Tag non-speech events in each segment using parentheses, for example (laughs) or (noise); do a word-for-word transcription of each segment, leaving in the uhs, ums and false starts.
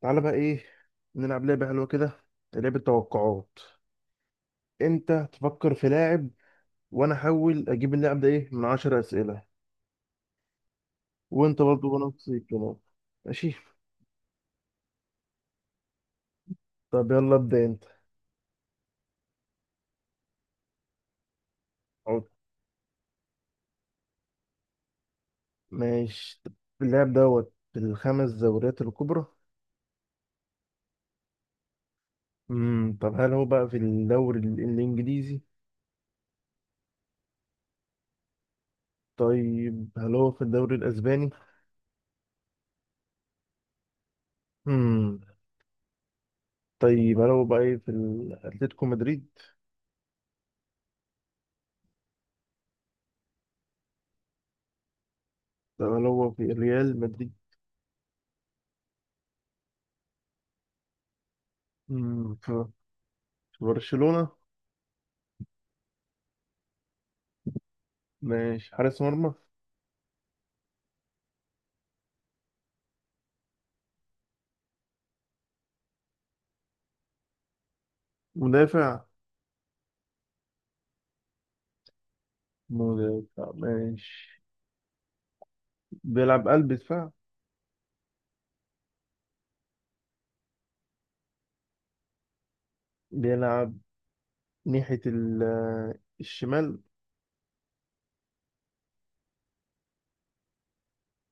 تعالى بقى ايه، نلعب لعبة حلوة كده. لعبة توقعات. انت تفكر في لاعب، وانا احاول اجيب اللاعب ده ايه من عشر اسئلة. وانت برضو وانا نفس الكلام. ماشي. طب يلا ابدأ انت. عود. ماشي طب. اللاعب دوت في الخمس دوريات الكبرى؟ امم طب، هل هو بقى في الدوري ال- الانجليزي؟ طيب، هل هو في الدوري الاسباني؟ امم طيب، هل هو بقى ايه في الاتلتيكو مدريد؟ طب، هل هو في ريال مدريد؟ امم في في برشلونة؟ ماشي، حارس مرمى؟ مدافع؟ مدافع ماشي. بيلعب قلب دفاع؟ بيلعب ناحية ال- آه، الشمال؟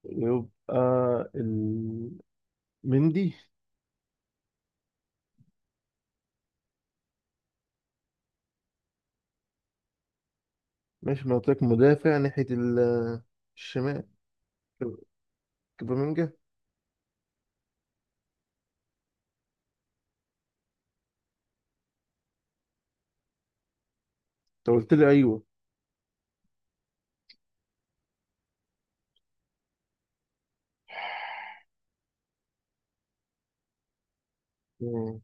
يبقى ال- مندي؟ ماشي، ما قلت لك مدافع ناحية ال- آه، الشمال. كوبامينجا انت؟ قلت لي ايوه. مم.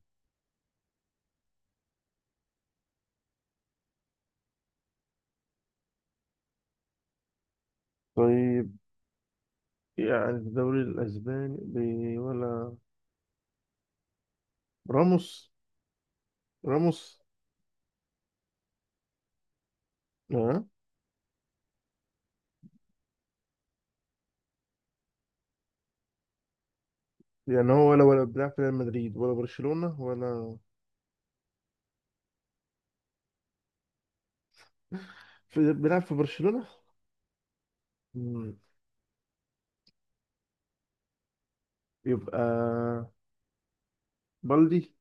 طيب، يعني في الدوري الاسباني بي- ولا راموس؟ راموس. اه. يعني هو ولا ولا بيلعب في ريال مدريد، ولا برشلونة، ولا في، بيلعب في برشلونة؟ مم. يبقى بلدي.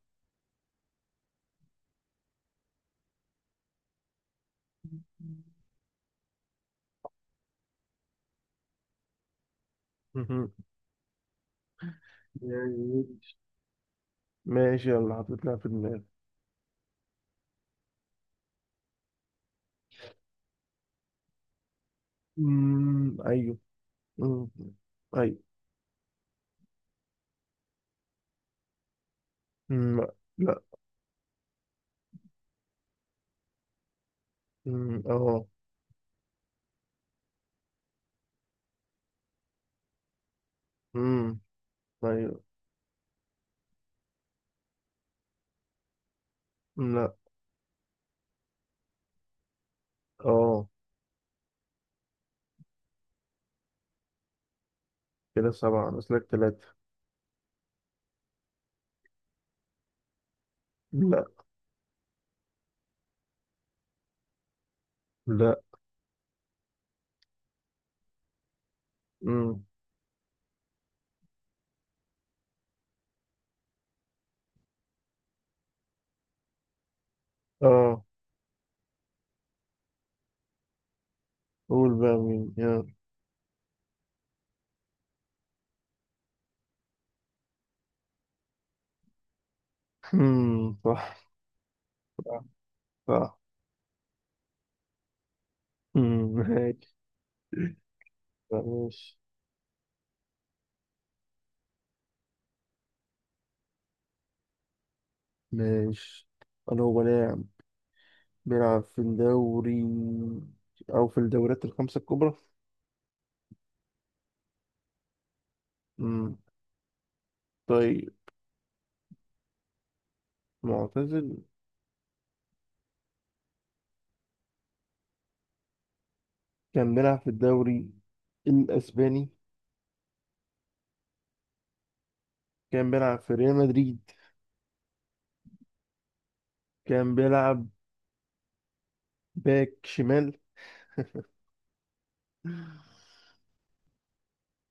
مهم. يعني ماشي، يلا حطيتها في دماغي. أمم، ايوه. أمم، ايوه. أمم، لا. أمم، اه. أمم، ايوه. أمم، لا. اه، كده سبعة نسلك ثلاثة. لا. لا. أمم، اه. قول بقى مين، يلا. أمم، صح. صح. صح. أمم، ماشي. ماشي. ماشي. أنا، هو بلاعب بيلعب في الدوري، أو في الدوريات الخمسة الكبرى؟ مم. طيب، معتزل؟ كان بيلعب في الدوري الأسباني؟ كان بيلعب في ريال مدريد؟ كان بيلعب باك شمال؟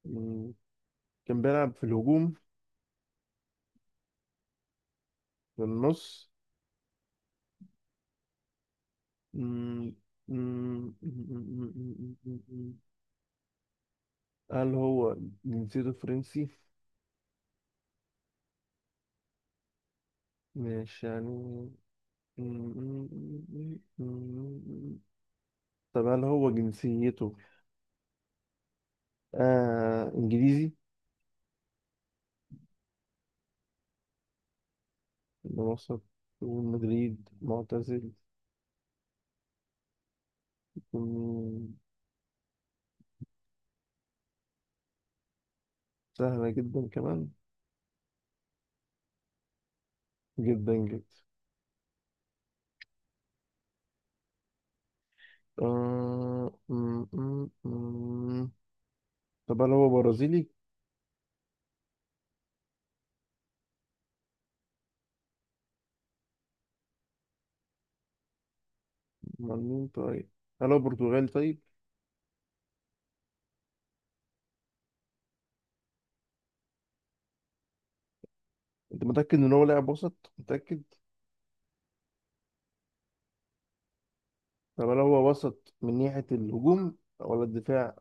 مم. كان بيلعب في الهجوم؟ في النص؟ مم. مم. هل هو جنسيته فرنسي؟ مش يعني. طب، هل هو جنسيته آه إنجليزي؟ من وسط مدريد معتزل. مم. سهلة جدا كمان، جدا جدا. آه... مم، مم، مم. طب، هل هو برازيلي؟ أمال مين طيب؟ هل هو برتغالي طيب؟ أنت متأكد إن هو لاعب وسط؟ متأكد؟ طب، هل هو وسط من ناحية الهجوم ولا الدفاع؟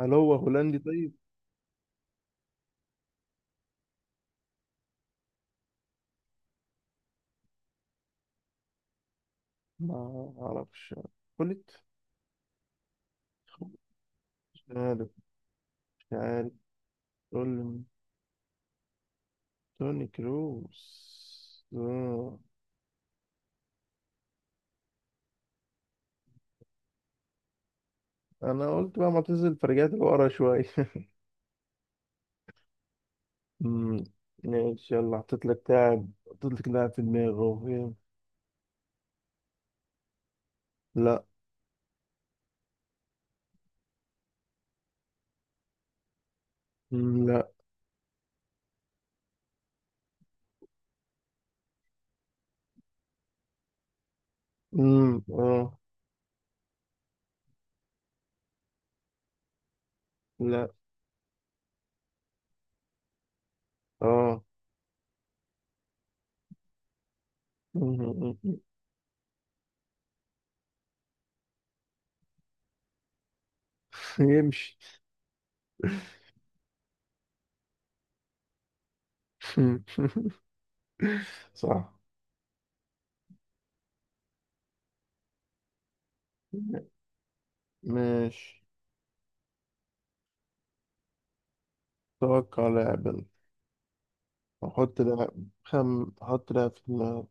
هل هو هولندي طيب؟ ما أعرفش. قلت مش عارف، مش عارف. قول لي، توني كروس. آه. أنا قلت بقى معتزل، فرجعت لورا شوية. مم. ماشي، يلا. حطيت لك لاعب حطيت لك لاعب في دماغي أهو. يلا. لا. مم، لا. مم. اه. لا. اه. (laughs) مم. مم. مم. (laughs) يمشي. (laughs) صح. ماشي. توقع لاعب، يلا. احط لاعب. خم احط لاعب في دماغي.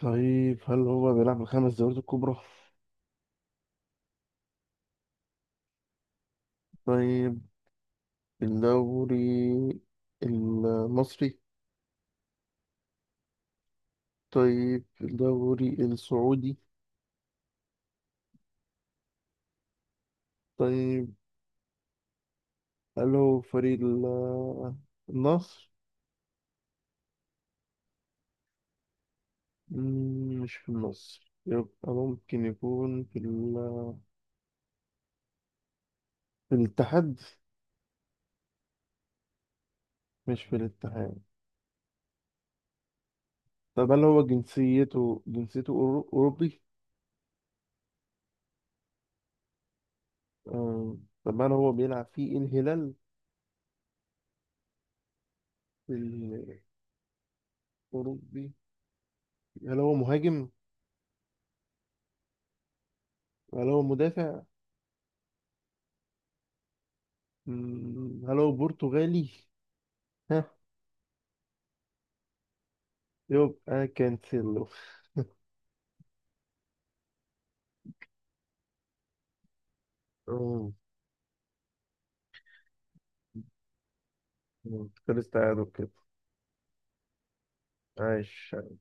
طيب، هل هو بيلعب في الخمس دوريات الكبرى؟ طيب، الدوري المصري؟ طيب، الدوري السعودي؟ طيب، هل هو فريق ال- النصر؟ مم، مش في النصر، يبقى ممكن يكون في, ال... في الاتحاد. مش في الاتحاد؟ طب، هل هو جنسيته جنسيته أورو- أوروبي؟ آه. طب، هل هو بيلعب في الهلال؟ الأوروبي؟ هل هو مهاجم؟ هل هو مدافع؟ مم، هل هو برتغالي؟ ها؟ يبقى كانسيلو. آه، آه، خلص تعادل كده. عايش.